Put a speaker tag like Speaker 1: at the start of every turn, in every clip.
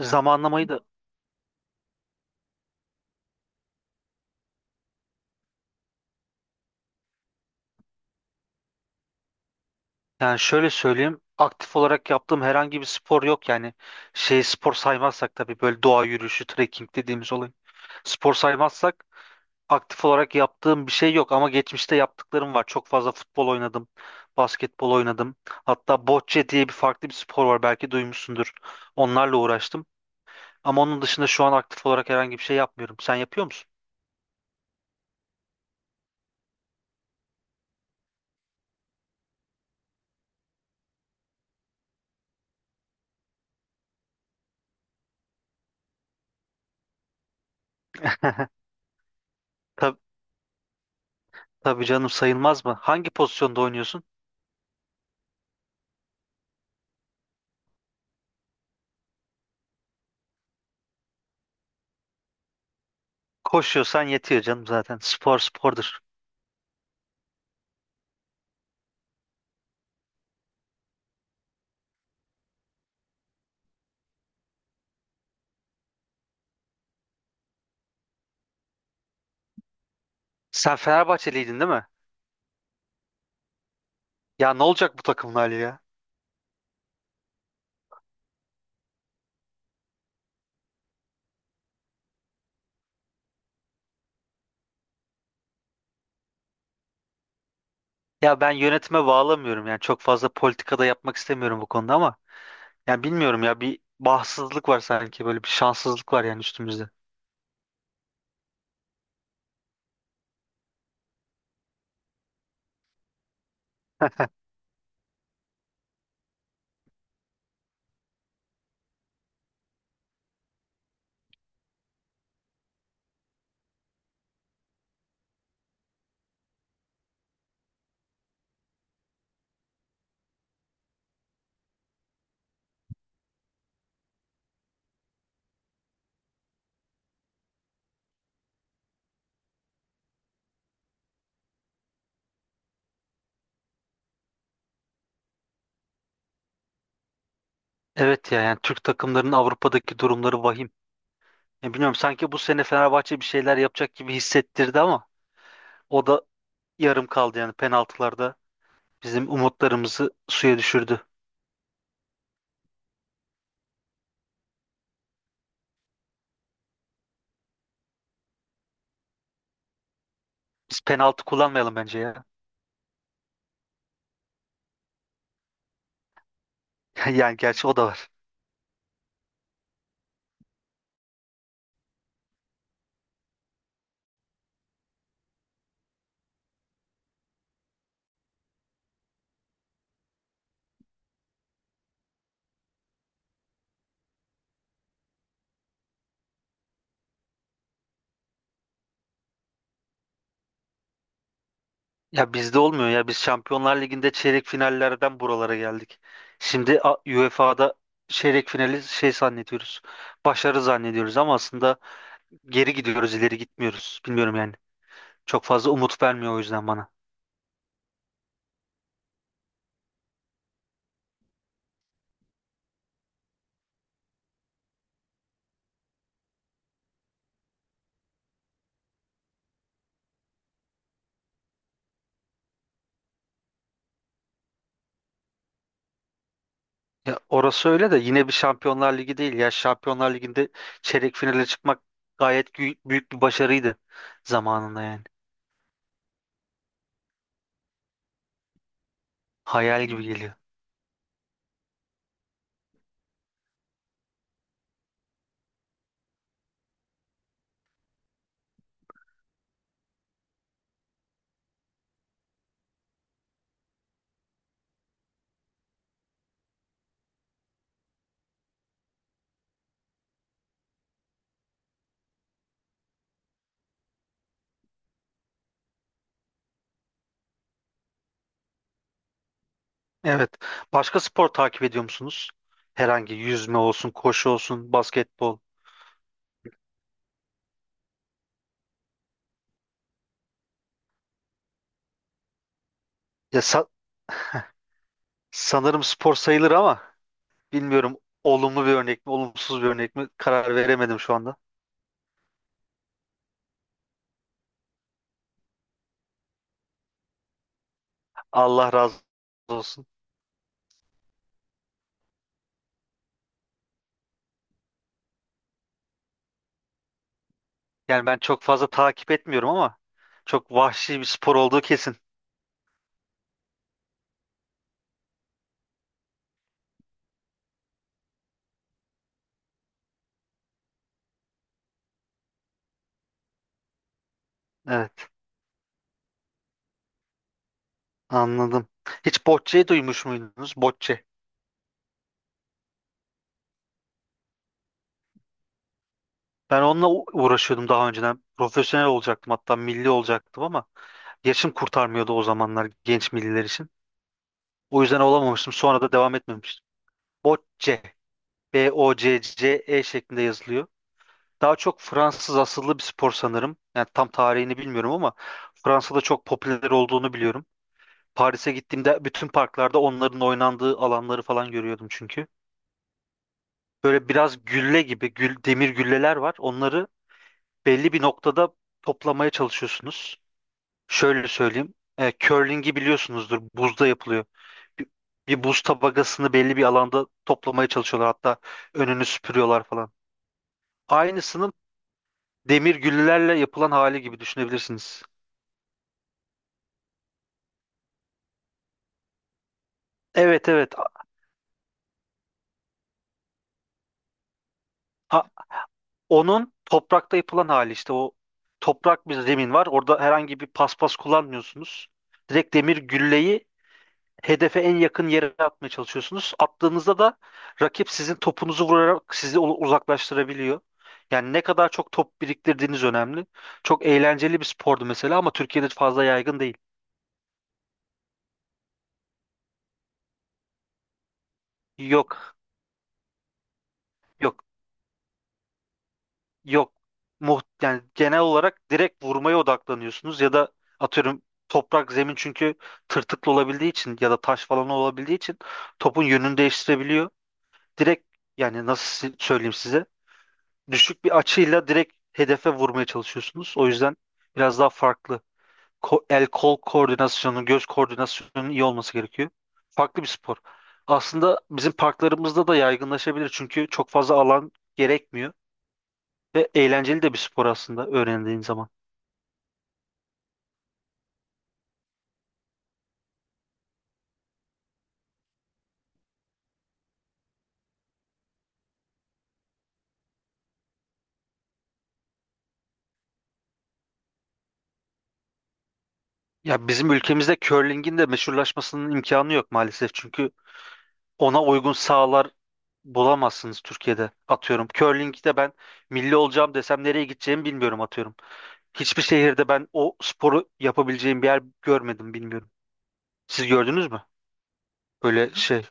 Speaker 1: Zamanlamayı da. Yani şöyle söyleyeyim, aktif olarak yaptığım herhangi bir spor yok. Yani spor saymazsak tabii, böyle doğa yürüyüşü, trekking dediğimiz olay spor saymazsak aktif olarak yaptığım bir şey yok ama geçmişte yaptıklarım var. Çok fazla futbol oynadım, basketbol oynadım, hatta bocce diye bir farklı bir spor var, belki duymuşsundur. Onlarla uğraştım ama onun dışında şu an aktif olarak herhangi bir şey yapmıyorum. Sen yapıyor musun? Tabii, tabii canım, sayılmaz mı? Hangi pozisyonda oynuyorsun? Koşuyorsan yetiyor canım zaten. Spor spordur. Sen Fenerbahçeliydin değil mi? Ya ne olacak bu takımın hali ya? Ya ben yönetime bağlamıyorum, yani çok fazla politikada yapmak istemiyorum bu konuda ama yani bilmiyorum ya, bir bahtsızlık var sanki, böyle bir şanssızlık var yani üstümüzde. Evet ya, yani Türk takımlarının Avrupa'daki durumları vahim. Ya bilmiyorum, sanki bu sene Fenerbahçe bir şeyler yapacak gibi hissettirdi ama o da yarım kaldı yani, penaltılarda bizim umutlarımızı suya düşürdü. Biz penaltı kullanmayalım bence ya. Yani gerçi o da var. Ya bizde olmuyor ya. Biz Şampiyonlar Ligi'nde çeyrek finallerden buralara geldik. Şimdi UEFA'da çeyrek finali şey zannediyoruz. Başarı zannediyoruz ama aslında geri gidiyoruz, ileri gitmiyoruz. Bilmiyorum yani. Çok fazla umut vermiyor o yüzden bana. Ya orası öyle de yine bir Şampiyonlar Ligi değil ya. Şampiyonlar Ligi'nde çeyrek finale çıkmak gayet büyük bir başarıydı zamanında yani. Hayal gibi geliyor. Evet. Başka spor takip ediyor musunuz? Herhangi yüzme olsun, koşu olsun, basketbol. Ya sanırım spor sayılır ama bilmiyorum, olumlu bir örnek mi, olumsuz bir örnek mi karar veremedim şu anda. Allah razı olsun. Yani ben çok fazla takip etmiyorum ama çok vahşi bir spor olduğu kesin. Evet, anladım. Hiç bocceyi duymuş muydunuz? Bocce. Ben onunla uğraşıyordum daha önceden. Profesyonel olacaktım, hatta milli olacaktım ama yaşım kurtarmıyordu o zamanlar genç milliler için. O yüzden olamamıştım. Sonra da devam etmemiştim. Bocce. Bocce şeklinde yazılıyor. Daha çok Fransız asıllı bir spor sanırım. Yani tam tarihini bilmiyorum ama Fransa'da çok popüler olduğunu biliyorum. Paris'e gittiğimde bütün parklarda onların oynandığı alanları falan görüyordum çünkü. Böyle biraz gülle gibi, gül, demir gülleler var. Onları belli bir noktada toplamaya çalışıyorsunuz. Şöyle söyleyeyim. Curling'i biliyorsunuzdur. Buzda yapılıyor. Bir, bir buz tabakasını belli bir alanda toplamaya çalışıyorlar. Hatta önünü süpürüyorlar falan. Aynısının demir güllelerle yapılan hali gibi düşünebilirsiniz. Evet, evet. A- onun toprakta yapılan hali, işte o toprak bir zemin var. Orada herhangi bir paspas kullanmıyorsunuz. Direkt demir gülleyi hedefe en yakın yere atmaya çalışıyorsunuz. Attığınızda da rakip sizin topunuzu vurarak sizi uzaklaştırabiliyor. Yani ne kadar çok top biriktirdiğiniz önemli. Çok eğlenceli bir spordu mesela ama Türkiye'de fazla yaygın değil. Yok. Yok. Yok. Muht yani genel olarak direkt vurmaya odaklanıyorsunuz ya da atıyorum, toprak zemin çünkü tırtıklı olabildiği için ya da taş falan olabildiği için topun yönünü değiştirebiliyor. Direkt, yani nasıl söyleyeyim size, düşük bir açıyla direkt hedefe vurmaya çalışıyorsunuz. O yüzden biraz daha farklı. El kol koordinasyonu, göz koordinasyonunun iyi olması gerekiyor. Farklı bir spor. Aslında bizim parklarımızda da yaygınlaşabilir çünkü çok fazla alan gerekmiyor. Ve eğlenceli de bir spor aslında öğrendiğin zaman. Ya bizim ülkemizde curling'in de meşhurlaşmasının imkanı yok maalesef. Çünkü ona uygun sahalar bulamazsınız Türkiye'de. Atıyorum, curling'de ben milli olacağım desem nereye gideceğimi bilmiyorum, atıyorum. Hiçbir şehirde ben o sporu yapabileceğim bir yer görmedim, bilmiyorum. Siz gördünüz mü? Böyle şey.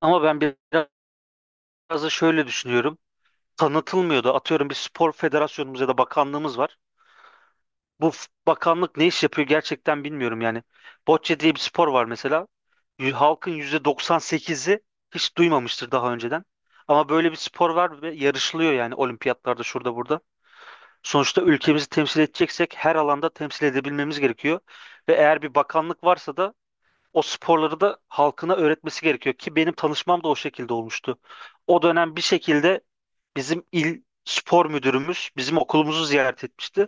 Speaker 1: Ama ben biraz da şöyle düşünüyorum. Tanıtılmıyordu. Atıyorum, bir spor federasyonumuz ya da bakanlığımız var. Bu bakanlık ne iş yapıyor gerçekten bilmiyorum yani. Bocce diye bir spor var mesela. Halkın %98'i hiç duymamıştır daha önceden. Ama böyle bir spor var ve yarışılıyor yani, olimpiyatlarda, şurada burada. Sonuçta ülkemizi temsil edeceksek her alanda temsil edebilmemiz gerekiyor. Ve eğer bir bakanlık varsa da o sporları da halkına öğretmesi gerekiyor ki benim tanışmam da o şekilde olmuştu. O dönem bir şekilde bizim il spor müdürümüz bizim okulumuzu ziyaret etmişti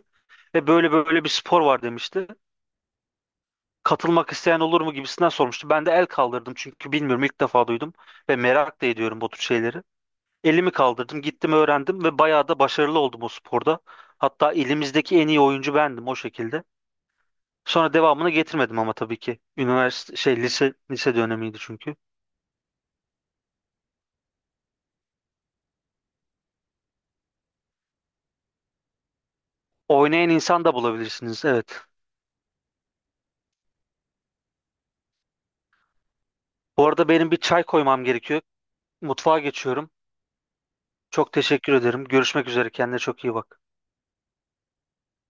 Speaker 1: ve böyle bir spor var demişti, katılmak isteyen olur mu gibisinden sormuştu. Ben de el kaldırdım çünkü bilmiyorum, ilk defa duydum ve merak da ediyorum bu tür şeyleri. Elimi kaldırdım, gittim, öğrendim ve bayağı da başarılı oldum o sporda. Hatta ilimizdeki en iyi oyuncu bendim o şekilde. Sonra devamını getirmedim ama tabii ki. Üniversite lise dönemiydi çünkü. Oynayan insan da bulabilirsiniz, evet. Bu arada benim bir çay koymam gerekiyor. Mutfağa geçiyorum. Çok teşekkür ederim. Görüşmek üzere. Kendine çok iyi bak.